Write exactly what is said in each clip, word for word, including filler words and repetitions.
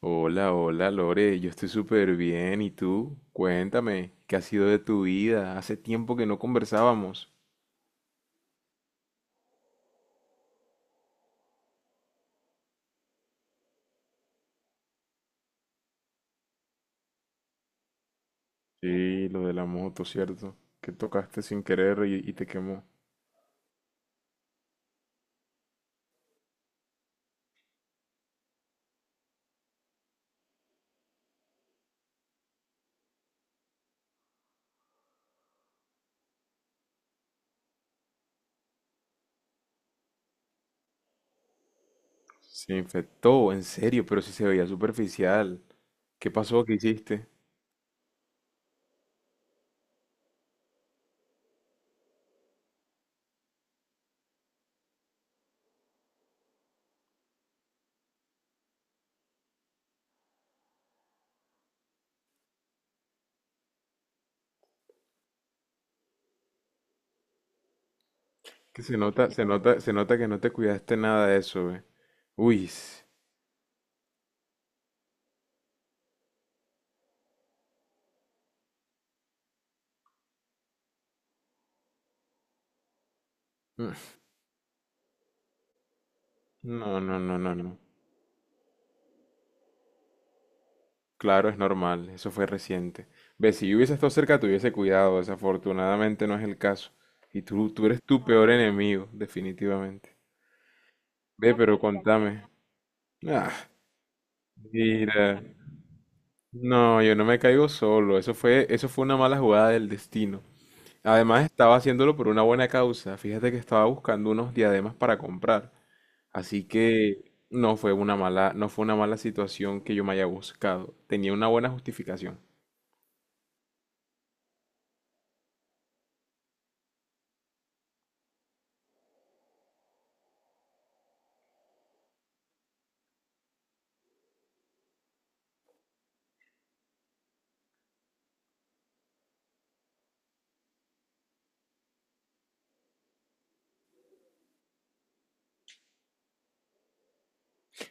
Hola, hola Lore, yo estoy súper bien. ¿Y tú? Cuéntame, ¿qué ha sido de tu vida? Hace tiempo que no conversábamos. Sí, lo de la moto, ¿cierto? Que tocaste sin querer y, y te quemó. Se infectó, en serio, pero si se veía superficial. ¿Qué pasó? ¿Qué hiciste? Que se nota, se nota, se nota que no te cuidaste nada de eso, ve. Uy. S- mm, no, no, no, no, no. Claro, es normal, eso fue reciente. Ve, si yo hubiese estado cerca, te hubiese cuidado, desafortunadamente no es el caso. Y tú, tú eres tu peor enemigo, definitivamente. Ve, pero contame. Ah, mira. No, yo no me caigo solo, eso fue, eso fue una mala jugada del destino. Además, estaba haciéndolo por una buena causa. Fíjate que estaba buscando unos diademas para comprar. Así que no fue una mala, no fue una mala situación que yo me haya buscado. Tenía una buena justificación.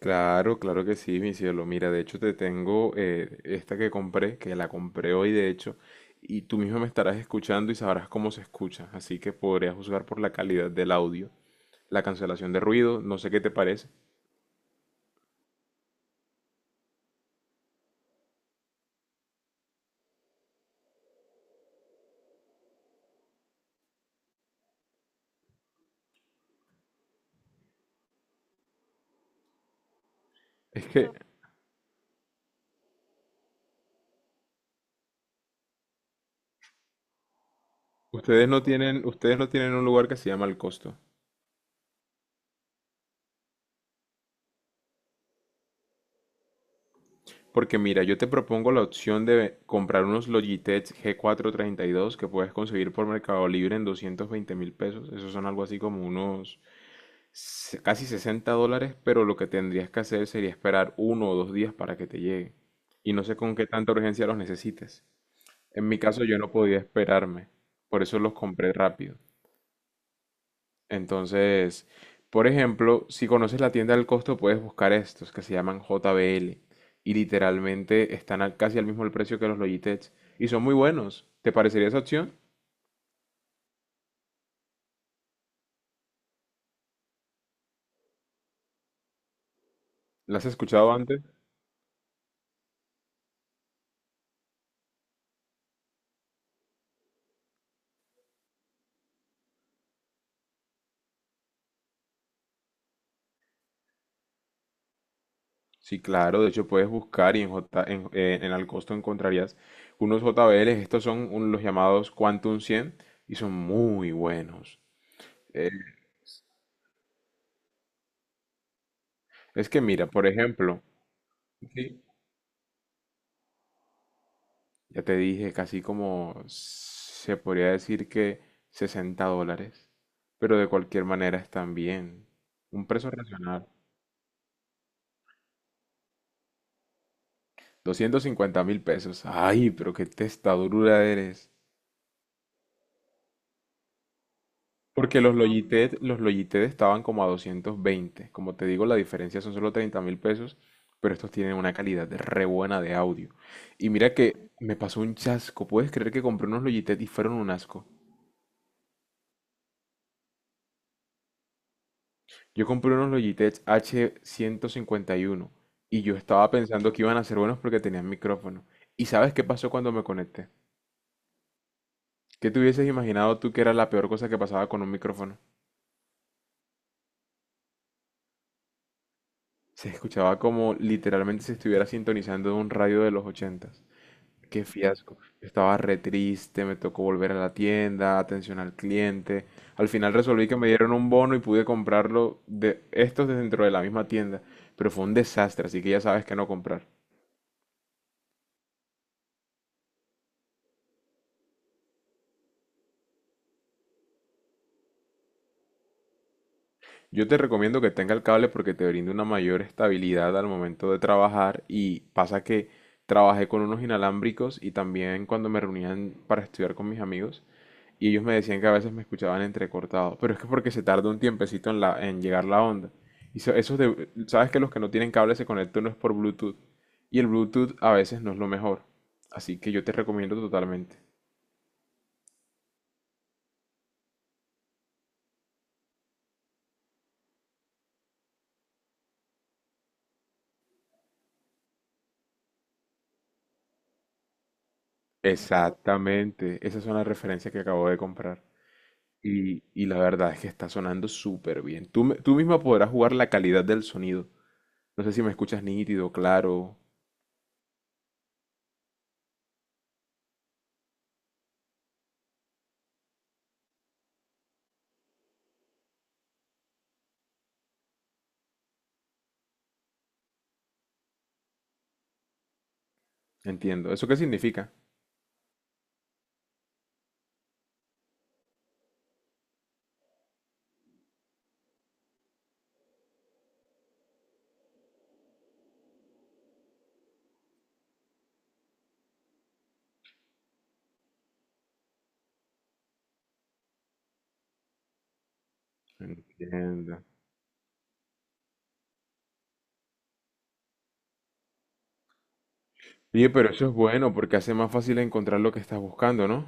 Claro, claro que sí, mi cielo. Mira, de hecho te tengo eh, esta que compré, que la compré hoy de hecho, y tú mismo me estarás escuchando y sabrás cómo se escucha, así que podrías juzgar por la calidad del audio, la cancelación de ruido, no sé qué te parece. Es que ustedes no tienen, ustedes no tienen un lugar que se llama el costo. Porque mira, yo te propongo la opción de comprar unos Logitech G cuatrocientos treinta y dos que puedes conseguir por Mercado Libre en doscientos veinte mil pesos. Esos son algo así como unos se- casi sesenta dólares, pero lo que tendrías que hacer sería esperar uno o dos días para que te llegue. Y no sé con qué tanta urgencia los necesites. En mi caso yo no podía esperarme, por eso los compré rápido. Entonces, por ejemplo, si conoces la tienda del costo, puedes buscar estos que se llaman J B L y literalmente están al- casi al mismo el precio que los Logitech y son muy buenos. ¿Te parecería esa opción? ¿La has escuchado antes? Sí, claro, de hecho puedes buscar y en, J, en, eh, en Alcosto encontrarías unos J B L es, estos son un- los llamados Quantum cien y son muy buenos. Eh, es que mira, por ejemplo, sí, ya te dije casi como se podría decir que sesenta dólares, pero de cualquier manera están bien. Un precio racional, doscientos cincuenta mil pesos. Ay, pero qué testadura eres. Porque los Logitech, los Logitech estaban como a doscientos veinte. Como te digo, la diferencia son solo treinta mil pesos, pero estos tienen una calidad de re buena de audio. Y mira que me pasó un chasco. ¿Puedes creer que compré unos Logitech y fueron un asco? Yo compré unos Logitech H ciento cincuenta y uno y uno y yo estaba pensando que iban a ser buenos porque tenían micrófono. ¿Y sabes qué pasó cuando me conecté? ¿Qué te hubieses imaginado tú que era la peor cosa que pasaba con un micrófono? Se escuchaba como literalmente se estuviera sintonizando en un radio de los ochenta. Qué fiasco. Estaba re triste, me tocó volver a la tienda, atención al cliente. Al final resolví que me dieron un bono y pude comprarlo de estos de dentro de la misma tienda, pero fue un desastre, así que ya sabes que no comprar. Yo te recomiendo que tenga el cable porque te brinda una mayor estabilidad al momento de trabajar y pasa que trabajé con unos inalámbricos y también cuando me reunían para estudiar con mis amigos y ellos me decían que a veces me escuchaban entrecortado, pero es que porque se tarda un tiempecito en, la, en llegar la onda. Y so- esos de- sabes que los que no tienen cable se conectan no es por Bluetooth y el Bluetooth a veces no es lo mejor, así que yo te recomiendo totalmente. Exactamente, esa es una referencia que acabo de comprar. Y, y la verdad es que está sonando súper bien. Tú, me- tú misma podrás jugar la calidad del sonido. No sé si me escuchas nítido, claro. Entiendo. ¿Eso qué significa? Entiendo. Oye, pero eso es bueno porque hace más fácil encontrar lo que estás buscando, ¿no?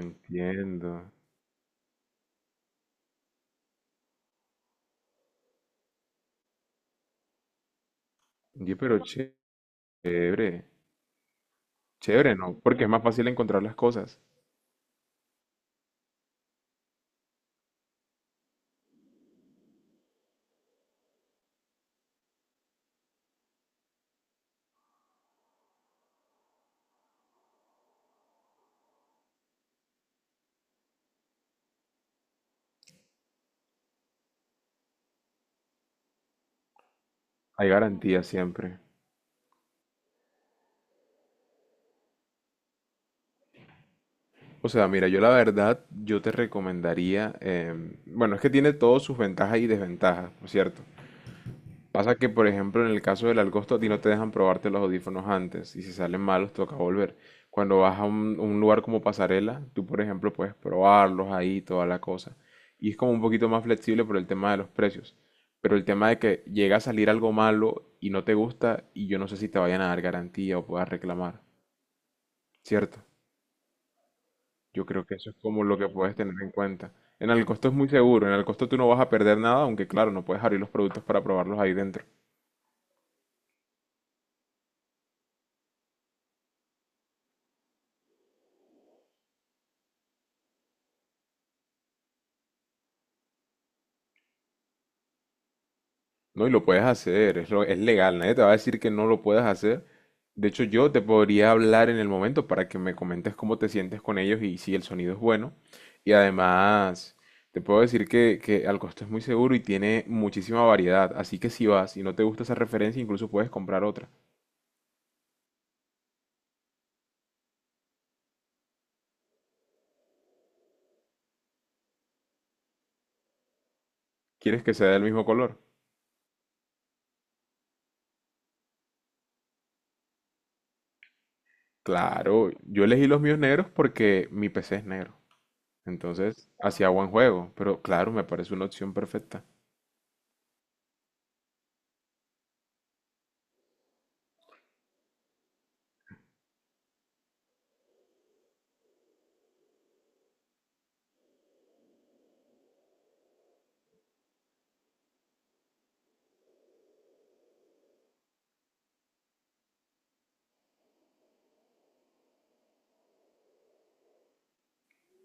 Entiendo. Oye, pero chévere. Chévere, ¿no? Porque es más fácil encontrar las cosas. Hay garantía siempre. O sea, mira, yo la verdad, yo te recomendaría, em, bueno, es que tiene todas sus ventajas y desventajas, por cierto. Pasa que, por ejemplo, en el caso del Algosto, a ti no te dejan probarte los audífonos antes y si salen malos toca volver. Cuando vas a un, un lugar como Pasarela, tú, por ejemplo, puedes probarlos ahí, toda la cosa. Y es como un poquito más flexible por el tema de los precios. Pero el tema de que llega a salir algo malo y no te gusta y yo no sé si te vayan a dar garantía o puedas reclamar, ¿cierto? Yo creo que eso es como lo que puedes tener en cuenta. En Alcosto es muy seguro, en Alcosto tú no vas a perder nada, aunque claro, no puedes abrir los productos para probarlos ahí dentro. No, y lo puedes hacer, es, lo- es legal, nadie te va a decir que no lo puedes hacer. De hecho, yo te podría hablar en el momento para que me comentes cómo te sientes con ellos y si el sonido es bueno. Y además, te puedo decir que, que al costo es muy seguro y tiene muchísima variedad, así que si vas y no te gusta esa referencia, incluso puedes comprar otra. ¿Quieres que sea del mismo color? Claro, yo elegí los míos negros porque mi P C es negro. Entonces, hacía buen juego, pero claro, me parece una opción perfecta.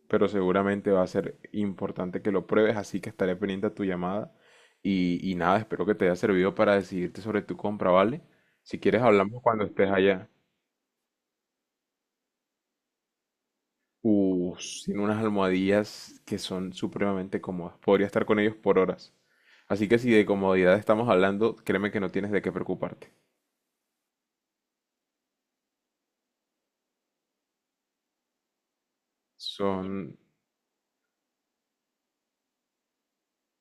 Pero seguramente va a ser importante que lo pruebes, así que estaré pendiente a tu llamada. Y, y nada, espero que te haya servido para decidirte sobre tu compra, ¿vale? Si quieres hablamos cuando estés allá. Uh, tiene unas almohadillas que son supremamente cómodas. Podría estar con ellos por horas. Así que si de comodidad estamos hablando, créeme que no tienes de qué preocuparte. Son...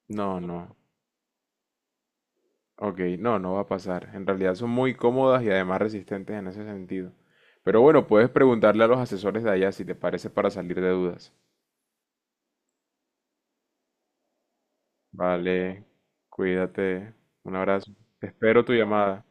No, no. Ok, no, no va a pasar. En realidad son muy cómodas y además resistentes en ese sentido. Pero bueno, puedes preguntarle a los asesores de allá si te parece para salir de dudas. Vale, cuídate. Un abrazo. Espero tu llamada.